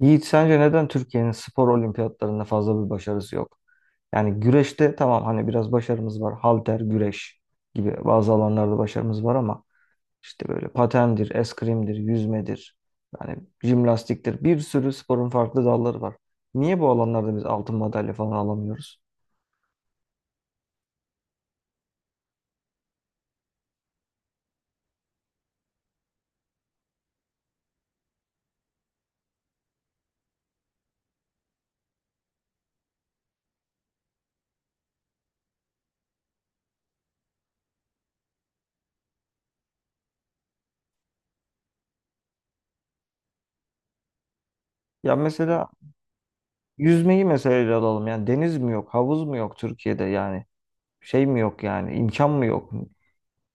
Yiğit sence neden Türkiye'nin spor olimpiyatlarında fazla bir başarısı yok? Yani güreşte tamam hani biraz başarımız var. Halter, güreş gibi bazı alanlarda başarımız var ama işte böyle patendir, eskrimdir, yüzmedir, yani jimnastiktir. Bir sürü sporun farklı dalları var. Niye bu alanlarda biz altın madalya falan alamıyoruz? Ya mesela yüzmeyi mesela ele alalım. Yani deniz mi yok, havuz mu yok Türkiye'de yani? Şey mi yok yani, imkan mı yok?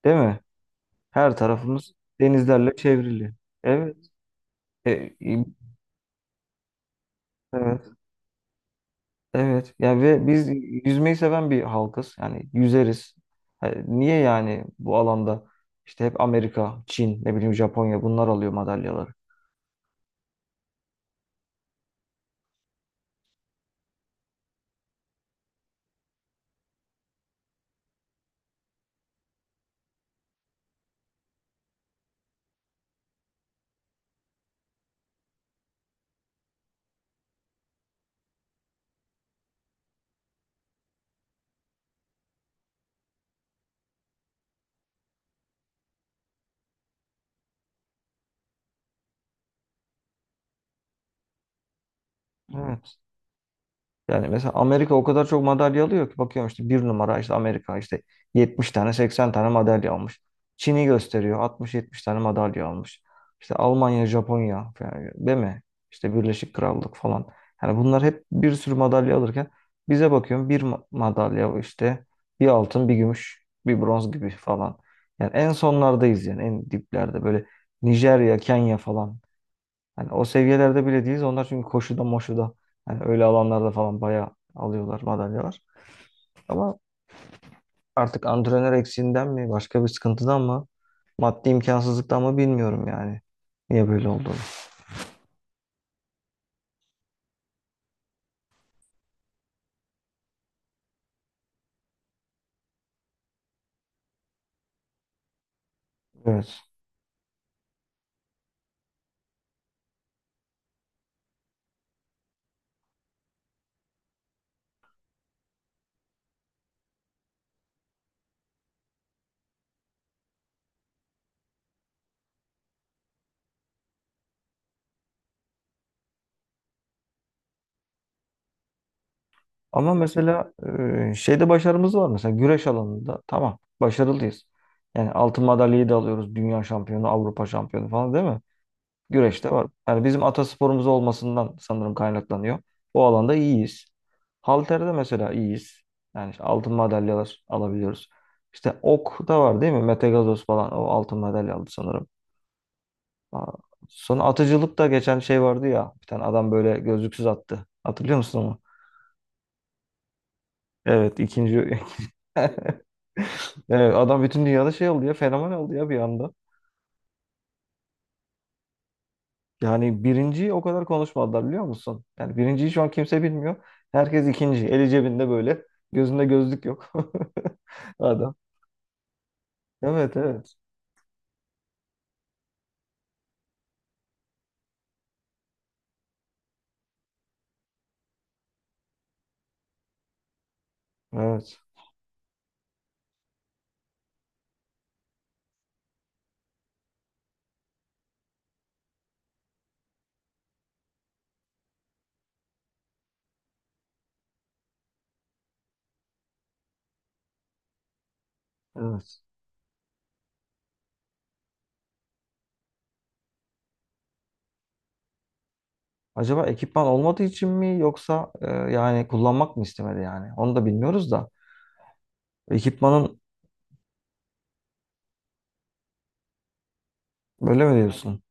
Değil mi? Her tarafımız denizlerle çevrili. Evet. E, e, evet, evet. Ya ve biz yüzmeyi seven bir halkız. Yani yüzeriz. Ha, niye yani bu alanda işte hep Amerika, Çin, ne bileyim Japonya bunlar alıyor madalyaları? Evet. Yani mesela Amerika o kadar çok madalya alıyor ki bakıyorum işte bir numara işte Amerika işte 70 tane 80 tane madalya almış. Çin'i gösteriyor 60-70 tane madalya almış. İşte Almanya, Japonya yani değil mi? İşte Birleşik Krallık falan. Yani bunlar hep bir sürü madalya alırken bize bakıyorum bir madalya işte bir altın bir gümüş bir bronz gibi falan. Yani en sonlardayız yani en diplerde böyle Nijerya, Kenya falan. Yani o seviyelerde bile değiliz. Onlar çünkü koşuda moşuda yani öyle alanlarda falan bayağı alıyorlar madalyalar. Ama artık antrenör eksiğinden mi başka bir sıkıntıdan mı maddi imkansızlıktan mı bilmiyorum yani. Niye böyle olduğunu. Evet. Ama mesela şeyde başarımız var mesela güreş alanında tamam başarılıyız. Yani altın madalyayı da alıyoruz. Dünya şampiyonu, Avrupa şampiyonu falan değil mi? Güreşte var. Yani bizim atasporumuz olmasından sanırım kaynaklanıyor. O alanda iyiyiz. Halterde mesela iyiyiz. Yani işte altın madalyalar alabiliyoruz. İşte ok da var değil mi? Mete Gazoz falan o altın madalya aldı sanırım. Aa, sonra atıcılıkta geçen şey vardı ya. Bir tane adam böyle gözlüksüz attı. Hatırlıyor musun onu? Evet ikinci. Evet, adam bütün dünyada şey oldu ya. Fenomen oldu ya bir anda. Yani birinciyi o kadar konuşmadılar biliyor musun? Yani birinciyi şu an kimse bilmiyor. Herkes ikinci. Eli cebinde böyle. Gözünde gözlük yok. Adam. Evet evet. Evet. Evet. Acaba ekipman olmadığı için mi yoksa yani kullanmak mı istemedi yani? Onu da bilmiyoruz da. Ekipmanın böyle mi diyorsun?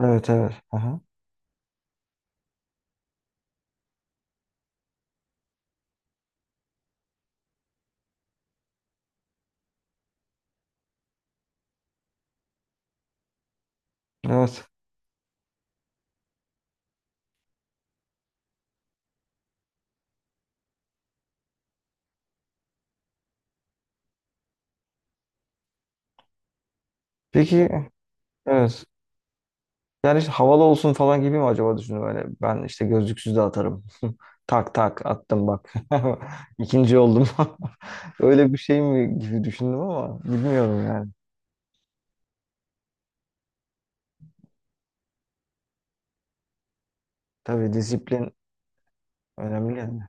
Evet evet. Aha. Evet. Peki evet. Yani işte havalı olsun falan gibi mi acaba düşündüm öyle. Ben işte gözlüksüz de atarım. Tak tak attım bak. İkinci oldum. Öyle bir şey mi gibi düşündüm ama bilmiyorum yani. Tabii disiplin önemli yani.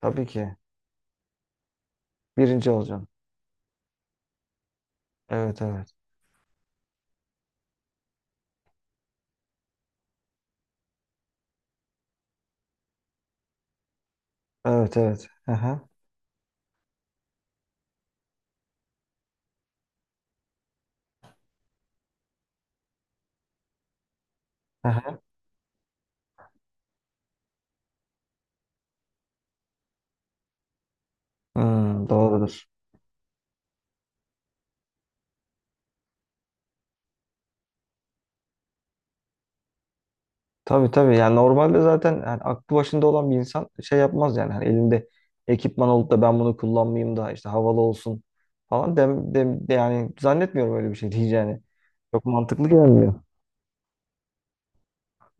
Tabii ki. Birinci olacağım. Evet evet. Evet evet. Aha, aha. Hmm, doğrudur. Tabii tabii yani normalde zaten yani aklı başında olan bir insan şey yapmaz yani hani elinde ekipman olup da ben bunu kullanmayayım da işte havalı olsun falan de yani zannetmiyorum öyle bir şey diyeceğini. Çok mantıklı gelmiyor.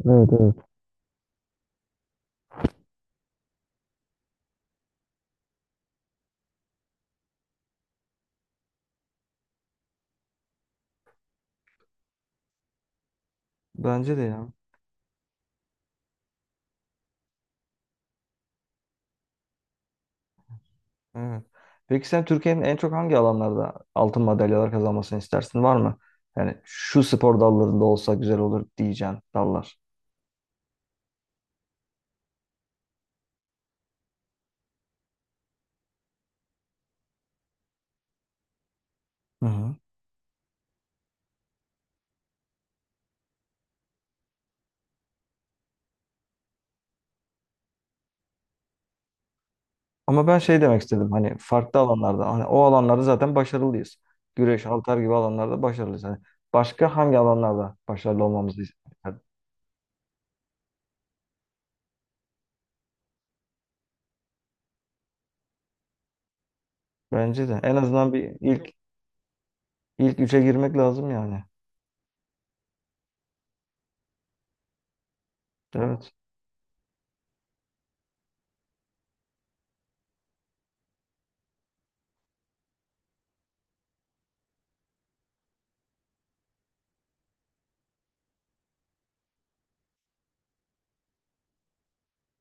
Evet evet. Bence de ya. Evet. Peki sen Türkiye'nin en çok hangi alanlarda altın madalyalar kazanmasını istersin var mı? Yani şu spor dallarında olsa güzel olur diyeceğin dallar. Hı hı. Ama ben şey demek istedim hani farklı alanlarda hani o alanlarda zaten başarılıyız. Güreş, halter gibi alanlarda başarılıyız. Hani başka hangi alanlarda başarılı olmamızı istedim? Bence de en azından bir ilk üçe girmek lazım yani. Evet.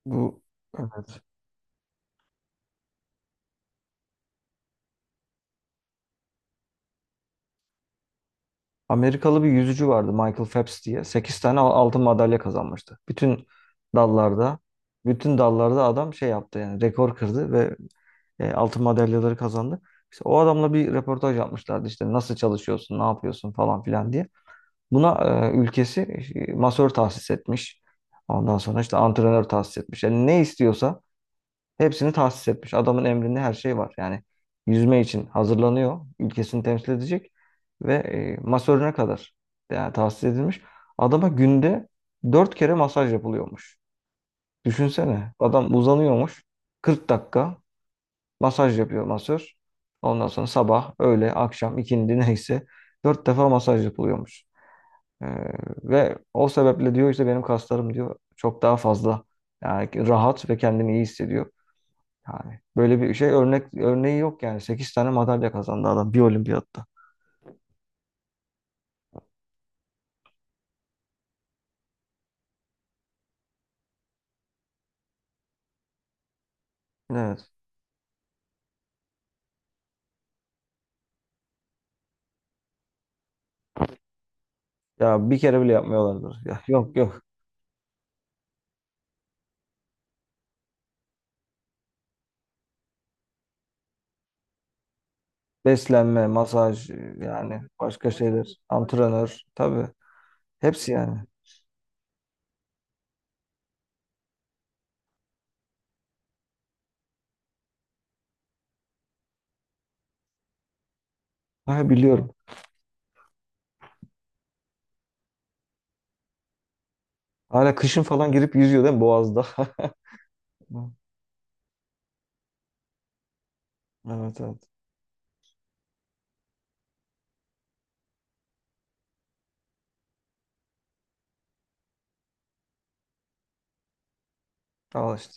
Bu evet. Amerikalı bir yüzücü vardı Michael Phelps diye. 8 tane altın madalya kazanmıştı. Bütün dallarda, bütün dallarda adam şey yaptı yani rekor kırdı ve altın madalyaları kazandı. İşte o adamla bir röportaj yapmışlardı işte nasıl çalışıyorsun, ne yapıyorsun falan filan diye. Buna ülkesi masör tahsis etmiş. Ondan sonra işte antrenör tahsis etmiş. Yani ne istiyorsa hepsini tahsis etmiş. Adamın emrinde her şey var. Yani yüzme için hazırlanıyor. Ülkesini temsil edecek. Ve masörüne kadar yani tahsis edilmiş. Adama günde 4 kere masaj yapılıyormuş. Düşünsene. Adam uzanıyormuş. 40 dakika masaj yapıyor masör. Ondan sonra sabah, öğle, akşam, ikindi neyse 4 defa masaj yapılıyormuş. E, ve o sebeple diyor işte benim kaslarım diyor çok daha fazla yani rahat ve kendini iyi hissediyor. Yani böyle bir şey örneği yok yani. 8 tane madalya kazandı adam bir olimpiyatta. Evet. Ya bir kere bile yapmıyorlardır. Ya, yok yok. Beslenme, masaj yani başka şeyler. Antrenör tabii. Hepsi yani. Ha, biliyorum. Hala kışın falan girip yüzüyor değil mi Boğaz'da? Evet evet. Al işte.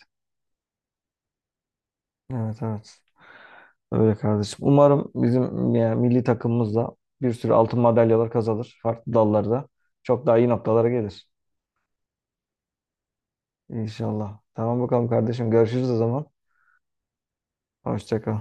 Evet evet. Öyle kardeşim. Umarım bizim yani milli takımımız da bir sürü altın madalyalar kazanır. Farklı dallarda. Çok daha iyi noktalara gelir. İnşallah. Tamam bakalım kardeşim. Görüşürüz o zaman. Hoşça kal.